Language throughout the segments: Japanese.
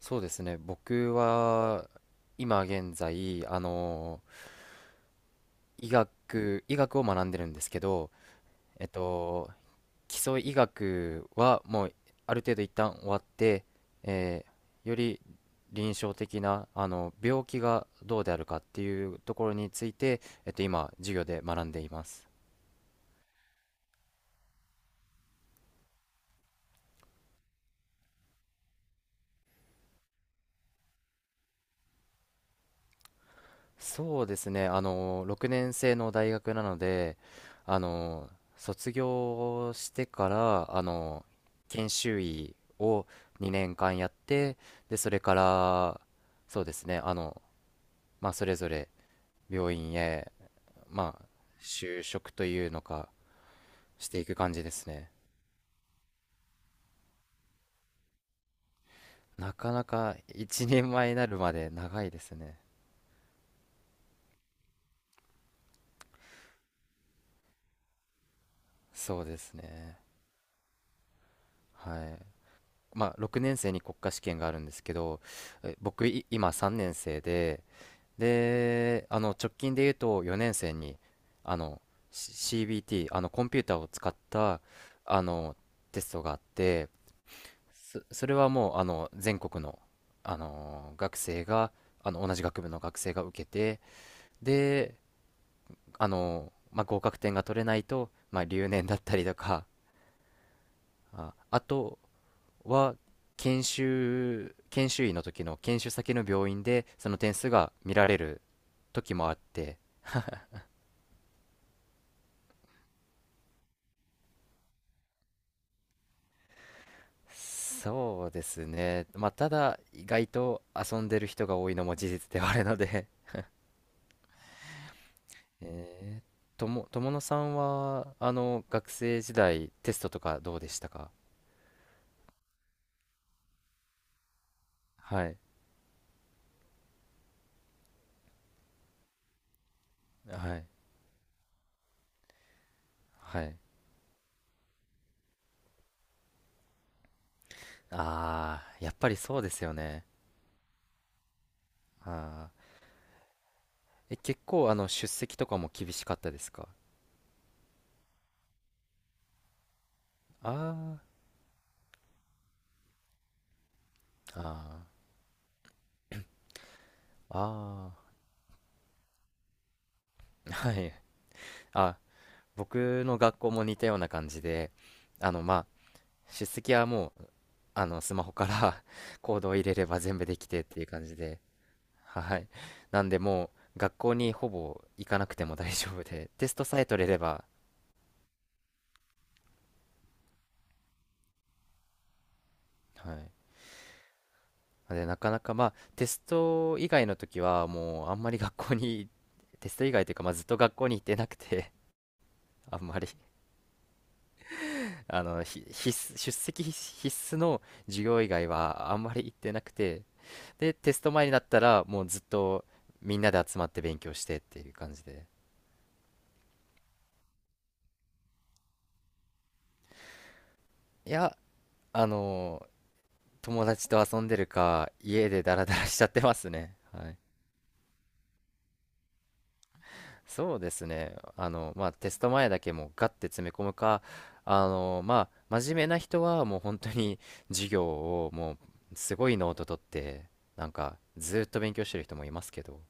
そうですね。僕は今現在、医学を学んでるんですけど、えっと、基礎医学はもうある程度一旦終わって、えーより臨床的な、病気がどうであるかっていうところについて、今、授業で学んでいます。そうですね、6年生の大学なので、あの、卒業してから、研修医を2年間やって、で、それから、そうですね、まあ、それぞれ病院へ、まあ、就職というのか、していく感じですね。なかなか一人前になるまで長いですね。そうですね。はい。まあ、6年生に国家試験があるんですけど、僕今3年生で、で、直近で言うと4年生にあの CBT コンピューターを使ったあのテストがあって、それはもう全国の、学生が同じ学部の学生が受けて、で、まあ、合格点が取れないと、まあ、留年だったりとか、あとは研修医の時の研修先の病院でその点数が見られる時もあって、そうですね、まあ、ただ意外と遊んでる人が多いのも事実ではあるので。 え友野さんは学生時代テストとかどうでしたか？はいはいはい。ああー、やっぱりそうですよね。ああー。結構出席とかも厳しかったですか？あーあーあーはい。あ、僕の学校も似たような感じで、まあ、出席はもう、スマホから コードを入れれば全部できてっていう感じで、はい。なんで、もう、学校にほぼ行かなくても大丈夫で、テストさえ取れれば。はい。なんで、なかなか、まあ、テスト以外の時は、もう、あんまり学校に、テスト以外というか、まあ、ずっと学校に行ってなくて、あんまり、ひ必須、出席必須の授業以外は、あんまり行ってなくて、で、テスト前になったら、もうずっとみんなで集まって勉強してっていう感じで。いや、あの、友達と遊んでるか、家でダラダラしちゃってますね。はい。そうですね。まあ、テスト前だけもうガッて詰め込むか、まあ、真面目な人はもう本当に授業をもうすごいノート取って、なんかずーっと勉強してる人もいますけど。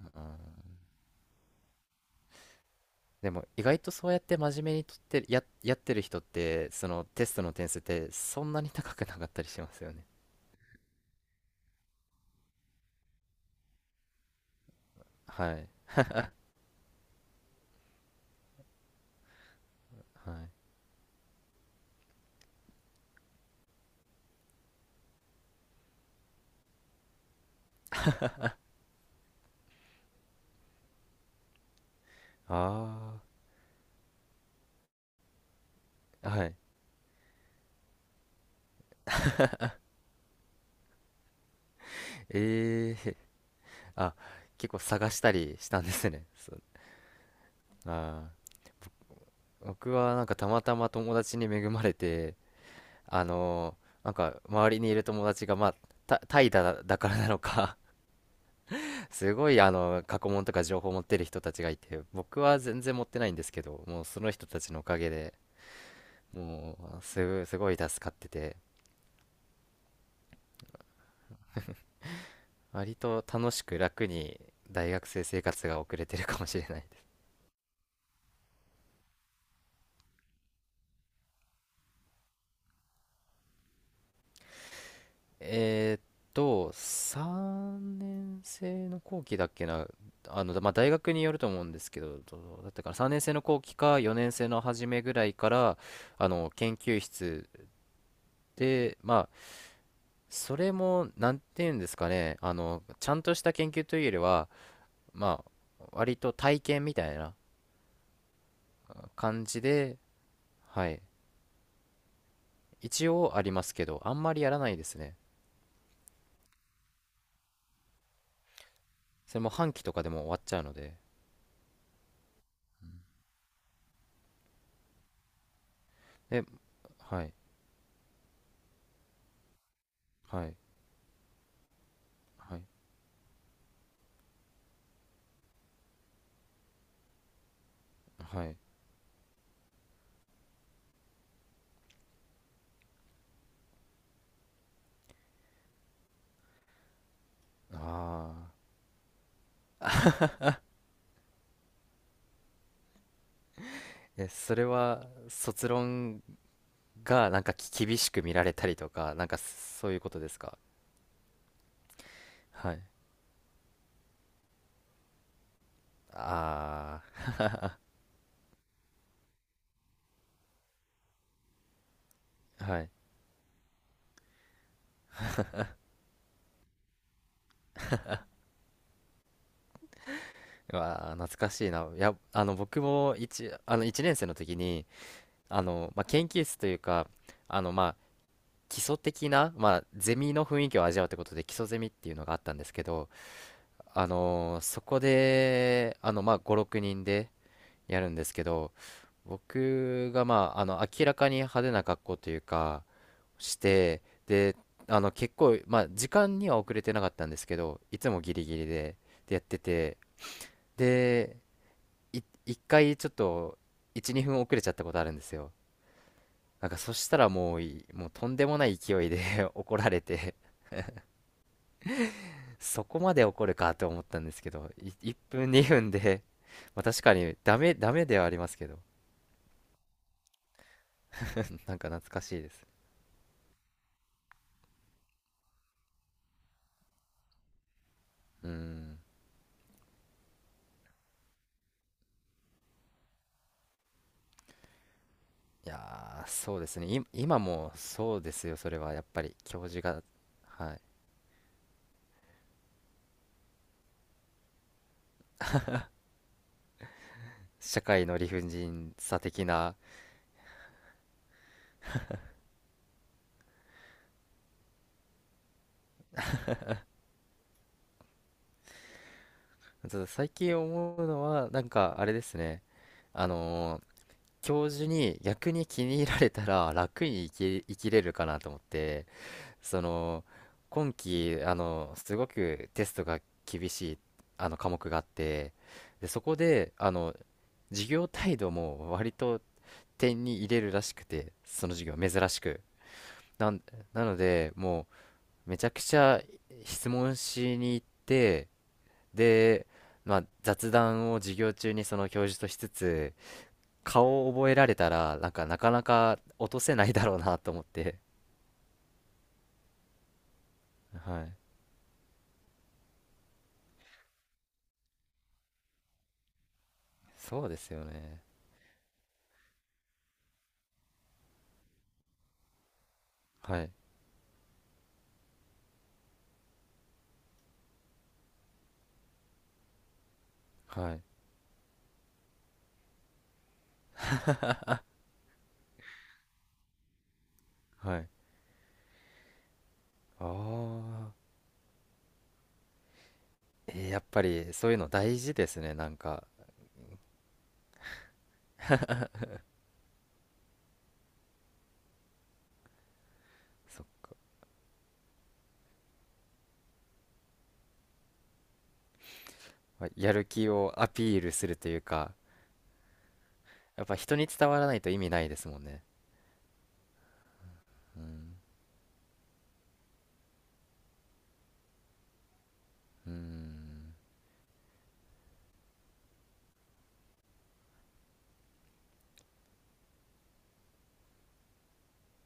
うん。でも意外とそうやって真面目にとってるや、やってる人ってそのテストの点数ってそんなに高くなかったりしますよね。はいはいああーはい。ええー。あ、結構探したりしたんですね。そう。ああ。僕はなんかたまたま友達に恵まれて、なんか周りにいる友達がまあ、怠イだからなのか、 すごい過去問とか情報持ってる人たちがいて、僕は全然持ってないんですけど、もうその人たちのおかげで。もうすごいすごい助かってて、割と楽しく楽に大学生生活が送れてるかもしれないです。えーっ3年生の後期だっけな。まあ、大学によると思うんですけど、どうだったかな、3年生の後期か4年生の初めぐらいから研究室で。まあ、それもなんて言うんですかね、ちゃんとした研究というよりはまあ割と体験みたいな感じで、はい、一応ありますけど、あんまりやらないですね。それも半期とかでも終わっちゃうので。え、はい、はい、はい、はい。ああー。え、それは、卒論がなんか厳しく見られたりとか、なんかそういうことですか？はい。ああ、はい。うわあ、懐かしいな。いや、僕も一年生の時に、まあ、研究室というか、まあ、基礎的な、まあ、ゼミの雰囲気を味わうってことで、基礎ゼミっていうのがあったんですけど、そこで、まあ、5、6人でやるんですけど、僕が、まあ、明らかに派手な格好というか、して、で、結構、まあ、時間には遅れてなかったんですけど、いつもギリギリで、やってて、で、一回ちょっと、1、2分遅れちゃったことあるんですよ。なんか、そしたらもうとんでもない勢いで 怒られて、そこまで怒るかと思ったんですけど、1分2分で まあ確かにダメではありますけど、なんか懐かしいです。うん。いやー、そうですね。今もそうですよ、それはやっぱり教授が。はい。社会の理不尽さ的な、ただ最近思うのは、なんかあれですね。あのー教授に逆に気に入られたら楽に生きれるかなと思って、その今期すごくテストが厳しい科目があって、でそこで授業態度も割と点に入れるらしくて、その授業珍しく、なんなのでもうめちゃくちゃ質問しに行って、で、まあ、雑談を授業中にその教授としつつ、顔を覚えられたらなんかなかなか落とせないだろうなと思って。はい、そうですよね、はいはいはい。ああ。やっぱりそういうの大事ですね。なんか、そまあやる気をアピールするというか、やっぱ人に伝わらないと意味ないですもんね。うん。うん。